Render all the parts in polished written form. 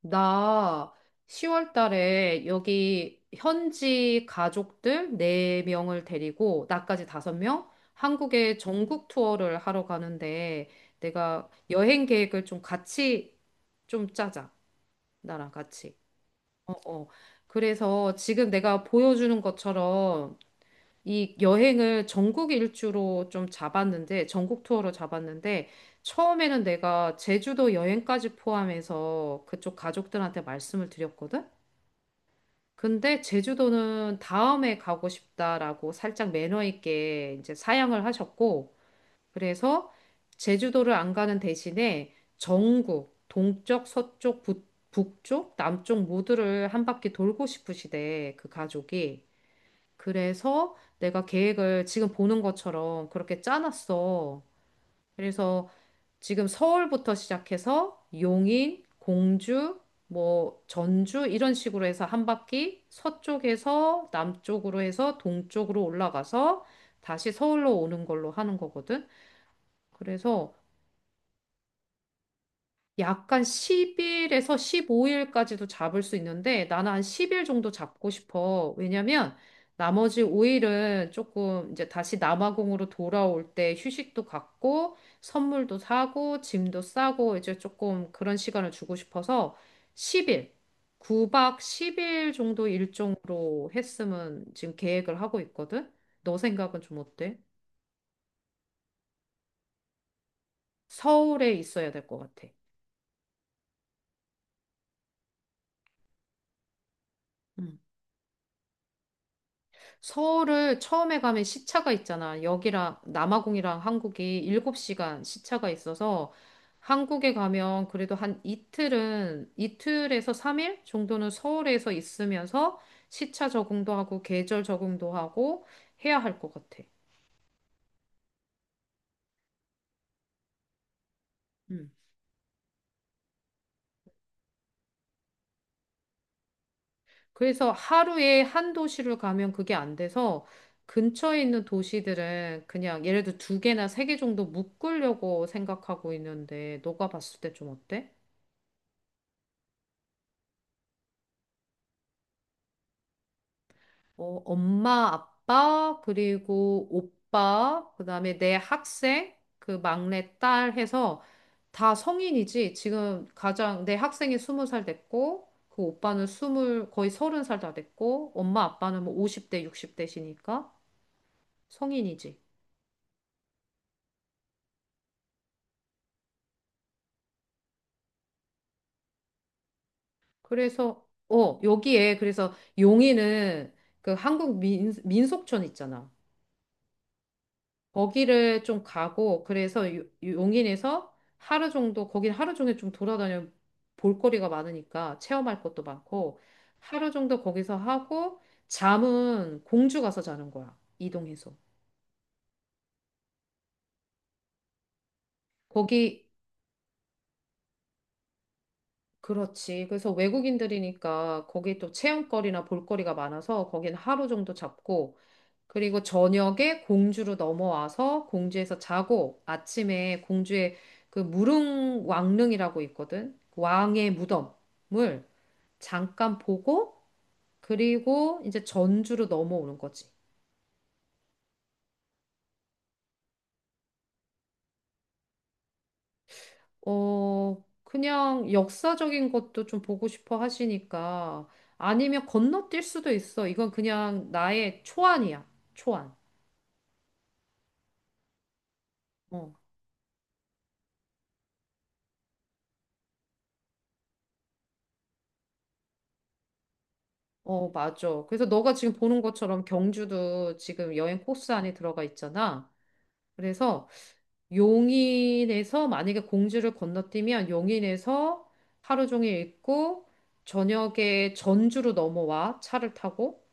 나 10월 달에 여기 현지 가족들 4명을 데리고 나까지 5명 한국의 전국 투어를 하러 가는데 내가 여행 계획을 좀 같이 좀 짜자. 나랑 같이. 어, 어. 그래서 지금 내가 보여주는 것처럼 이 여행을 전국 일주로 좀 잡았는데 전국 투어로 잡았는데 처음에는 내가 제주도 여행까지 포함해서 그쪽 가족들한테 말씀을 드렸거든. 근데 제주도는 다음에 가고 싶다라고 살짝 매너 있게 이제 사양을 하셨고, 그래서 제주도를 안 가는 대신에 전국, 동쪽, 서쪽, 북쪽, 남쪽 모두를 한 바퀴 돌고 싶으시대, 그 가족이. 그래서 내가 계획을 지금 보는 것처럼 그렇게 짜놨어. 그래서 지금 서울부터 시작해서 용인, 공주, 뭐 전주 이런 식으로 해서 한 바퀴 서쪽에서 남쪽으로 해서 동쪽으로 올라가서 다시 서울로 오는 걸로 하는 거거든. 그래서 약간 10일에서 15일까지도 잡을 수 있는데 나는 한 10일 정도 잡고 싶어. 왜냐면 나머지 5일은 조금 이제 다시 남아공으로 돌아올 때 휴식도 갖고 선물도 사고 짐도 싸고 이제 조금 그런 시간을 주고 싶어서 10일, 9박 10일 정도 일정으로 했으면 지금 계획을 하고 있거든. 너 생각은 좀 어때? 서울에 있어야 될 것 같아. 서울을 처음에 가면 시차가 있잖아. 여기랑 남아공이랑 한국이 7시간 시차가 있어서 한국에 가면 그래도 한 이틀은 이틀에서 3일 정도는 서울에서 있으면서 시차 적응도 하고 계절 적응도 하고 해야 할 것 같아. 음. 그래서 하루에 한 도시를 가면 그게 안 돼서 근처에 있는 도시들은 그냥 예를 들어 두 개나 세 개 정도 묶으려고 생각하고 있는데 너가 봤을 때 좀 어때? 어, 엄마, 아빠, 그리고 오빠, 그다음에 내 학생, 그 막내 딸 해서 다 성인이지. 지금 가장 내 학생이 스무 살 됐고, 그 오빠는 스물 거의 서른 살 다 됐고, 엄마, 아빠는 뭐 50대, 60대시니까 성인이지. 그래서 여기에 그래서 용인은 그 한국 민속촌 있잖아. 거기를 좀 가고 그래서 용인에서 하루 정도 거긴 하루 종일 좀 돌아다녀 볼거리가 많으니까 체험할 것도 많고 하루 정도 거기서 하고 잠은 공주 가서 자는 거야. 이동해서. 거기 그렇지. 그래서 외국인들이니까 거기 또 체험거리나 볼거리가 많아서 거긴 하루 정도 잡고 그리고 저녁에 공주로 넘어와서 공주에서 자고 아침에 공주의 그 무릉 왕릉이라고 있거든. 그 왕의 무덤을 잠깐 보고 그리고 이제 전주로 넘어오는 거지. 어, 그냥 역사적인 것도 좀 보고 싶어 하시니까 아니면 건너뛸 수도 있어. 이건 그냥 나의 초안이야. 초안. 어. 어, 맞아. 그래서 너가 지금 보는 것처럼 경주도 지금 여행 코스 안에 들어가 있잖아. 그래서 용인에서 만약에 공주를 건너뛰면 용인에서 하루 종일 있고 저녁에 전주로 넘어와 차를 타고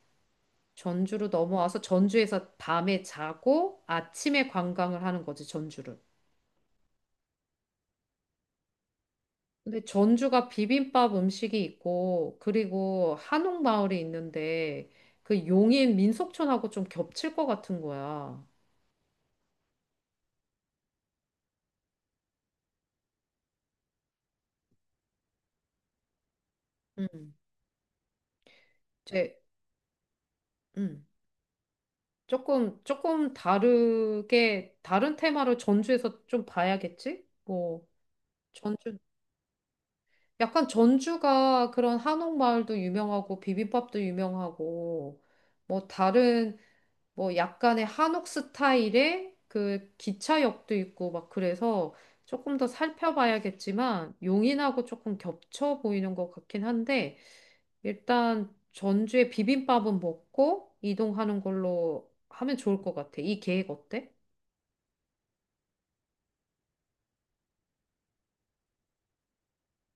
전주로 넘어와서 전주에서 밤에 자고 아침에 관광을 하는 거지 전주를. 근데 전주가 비빔밥 음식이 있고 그리고 한옥마을이 있는데 그 용인 민속촌하고 좀 겹칠 것 같은 거야. 음. 제 음. 조금 다르게, 다른 테마로 전주에서 좀 봐야겠지? 뭐, 전주, 약간 전주가 그런 한옥마을도 유명하고, 비빔밥도 유명하고, 뭐, 다른, 뭐, 약간의 한옥 스타일의 그 기차역도 있고, 막 그래서 조금 더 살펴봐야겠지만, 용인하고 조금 겹쳐 보이는 것 같긴 한데, 일단 전주의 비빔밥은 먹고, 이동하는 걸로 하면 좋을 것 같아. 이 계획 어때?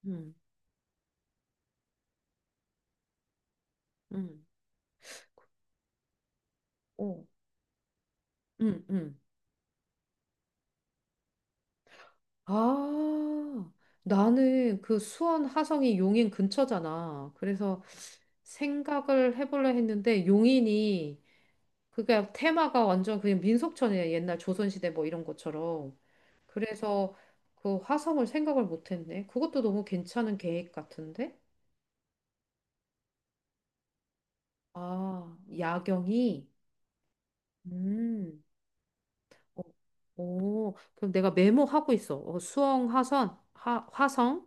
음, 음, 어. 음, 음. 아, 나는 그 수원 화성이 용인 근처잖아. 그래서 생각을 해보려 했는데 용인이 그게 테마가 완전 그냥 민속촌이야. 옛날 조선시대 뭐 이런 것처럼. 그래서 그 화성을 생각을 못했네. 그것도 너무 괜찮은 계획 같은데? 아, 야경이? 음. 어, 오, 그럼 내가 메모하고 있어. 어, 수영, 화성,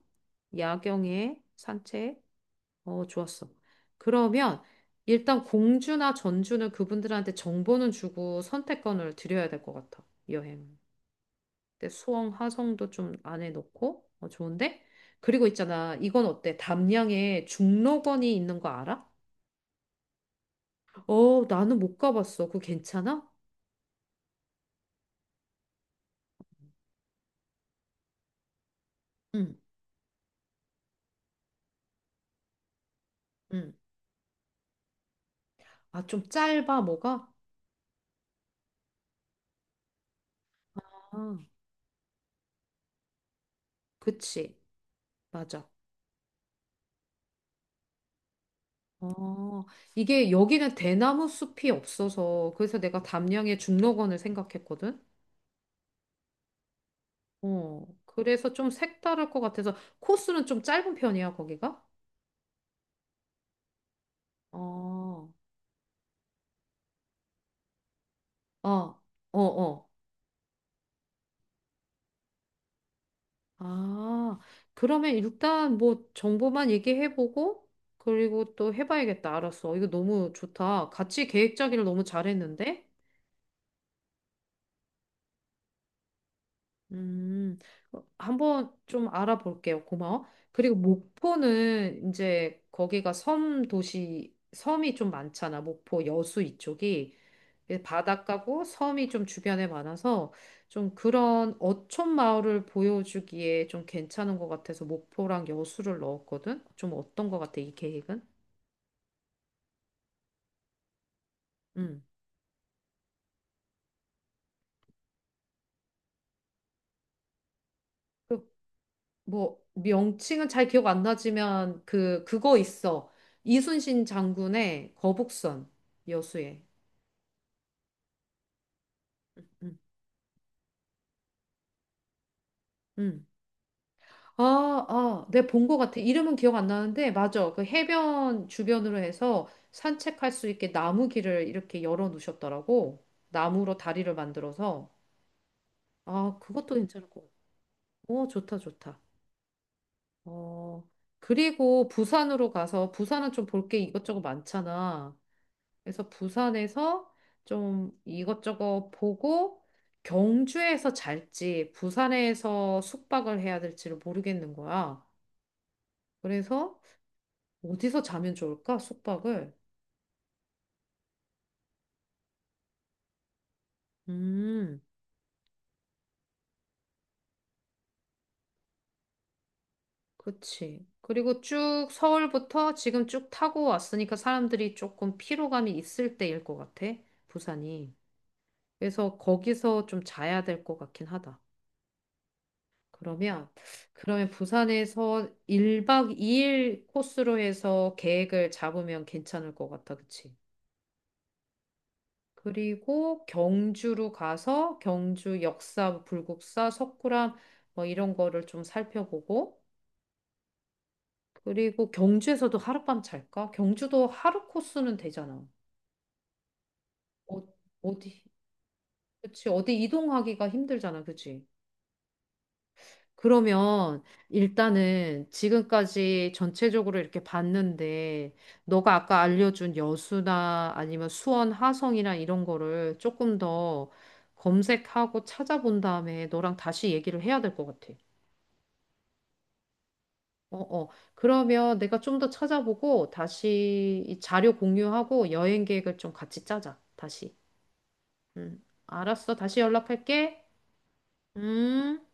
야경에 산책. 어, 좋았어. 그러면 일단 공주나 전주는 그분들한테 정보는 주고 선택권을 드려야 될 것 같아. 여행. 근데 수영, 화성도 좀 안에 넣고. 어, 좋은데? 그리고 있잖아. 이건 어때? 담양에 중록원이 있는 거 알아? 어, 나는 못 가봤어. 그거 괜찮아? 응, 응. 아, 좀 짧아, 뭐가? 아, 그치. 맞아. 어, 이게 여기는 대나무 숲이 없어서 그래서 내가 담양의 중록원을 생각했거든. 어, 그래서 좀 색다를 것 같아서 코스는 좀 짧은 편이야, 거기가? 어, 어, 어, 어. 아, 그러면 일단 뭐 정보만 얘기해보고 그리고 또 해봐야겠다. 알았어. 이거 너무 좋다. 같이 계획 짜기를 너무 잘했는데? 음, 어, 한번 좀 알아볼게요. 고마워. 그리고 목포는 이제 거기가 섬 도시, 섬이 좀 많잖아. 목포 여수 이쪽이. 예, 바닷가고 섬이 좀 주변에 많아서 좀 그런 어촌 마을을 보여주기에 좀 괜찮은 것 같아서 목포랑 여수를 넣었거든. 좀 어떤 것 같아, 이 계획은? 음. 그 뭐, 명칭은 잘 기억 안 나지만 그거 있어. 이순신 장군의 거북선 여수에. 음, 음. 내가 본 것 같아. 이름은 기억 안 나는데, 맞아. 그 해변 주변으로 해서 산책할 수 있게 나무 길을 이렇게 열어 놓으셨더라고. 나무로 다리를 만들어서. 아, 그것도 괜찮을 것 같아. 오, 좋다, 좋다. 어, 그리고 부산으로 가서, 부산은 좀 볼 게 이것저것 많잖아. 그래서 부산에서 좀 이것저것 보고, 경주에서 잘지, 부산에서 숙박을 해야 될지를 모르겠는 거야. 그래서 어디서 자면 좋을까? 숙박을. 음, 그치. 그리고 쭉 서울부터 지금 쭉 타고 왔으니까 사람들이 조금 피로감이 있을 때일 것 같아, 부산이. 그래서 거기서 좀 자야 될 것 같긴 하다. 그러면, 그러면, 부산에서 1박 2일 코스로 해서 계획을 잡으면 괜찮을 것 같아, 그치? 그리고 경주로 가서 경주 역사, 불국사, 석굴암 뭐 이런 거를 좀 살펴보고, 그리고 경주에서도 하룻밤 잘까? 경주도 하루 코스는 되잖아. 어, 어디, 그치, 어디 이동하기가 힘들잖아, 그치? 그러면 일단은 지금까지 전체적으로 이렇게 봤는데, 너가 아까 알려준 여수나 아니면 수원, 하성이나 이런 거를 조금 더 검색하고 찾아본 다음에 너랑 다시 얘기를 해야 될 것 같아. 어, 어. 그러면 내가 좀 더 찾아보고 다시 이 자료 공유하고 여행 계획을 좀 같이 짜자. 다시. 음. 알았어. 다시 연락할게. 음.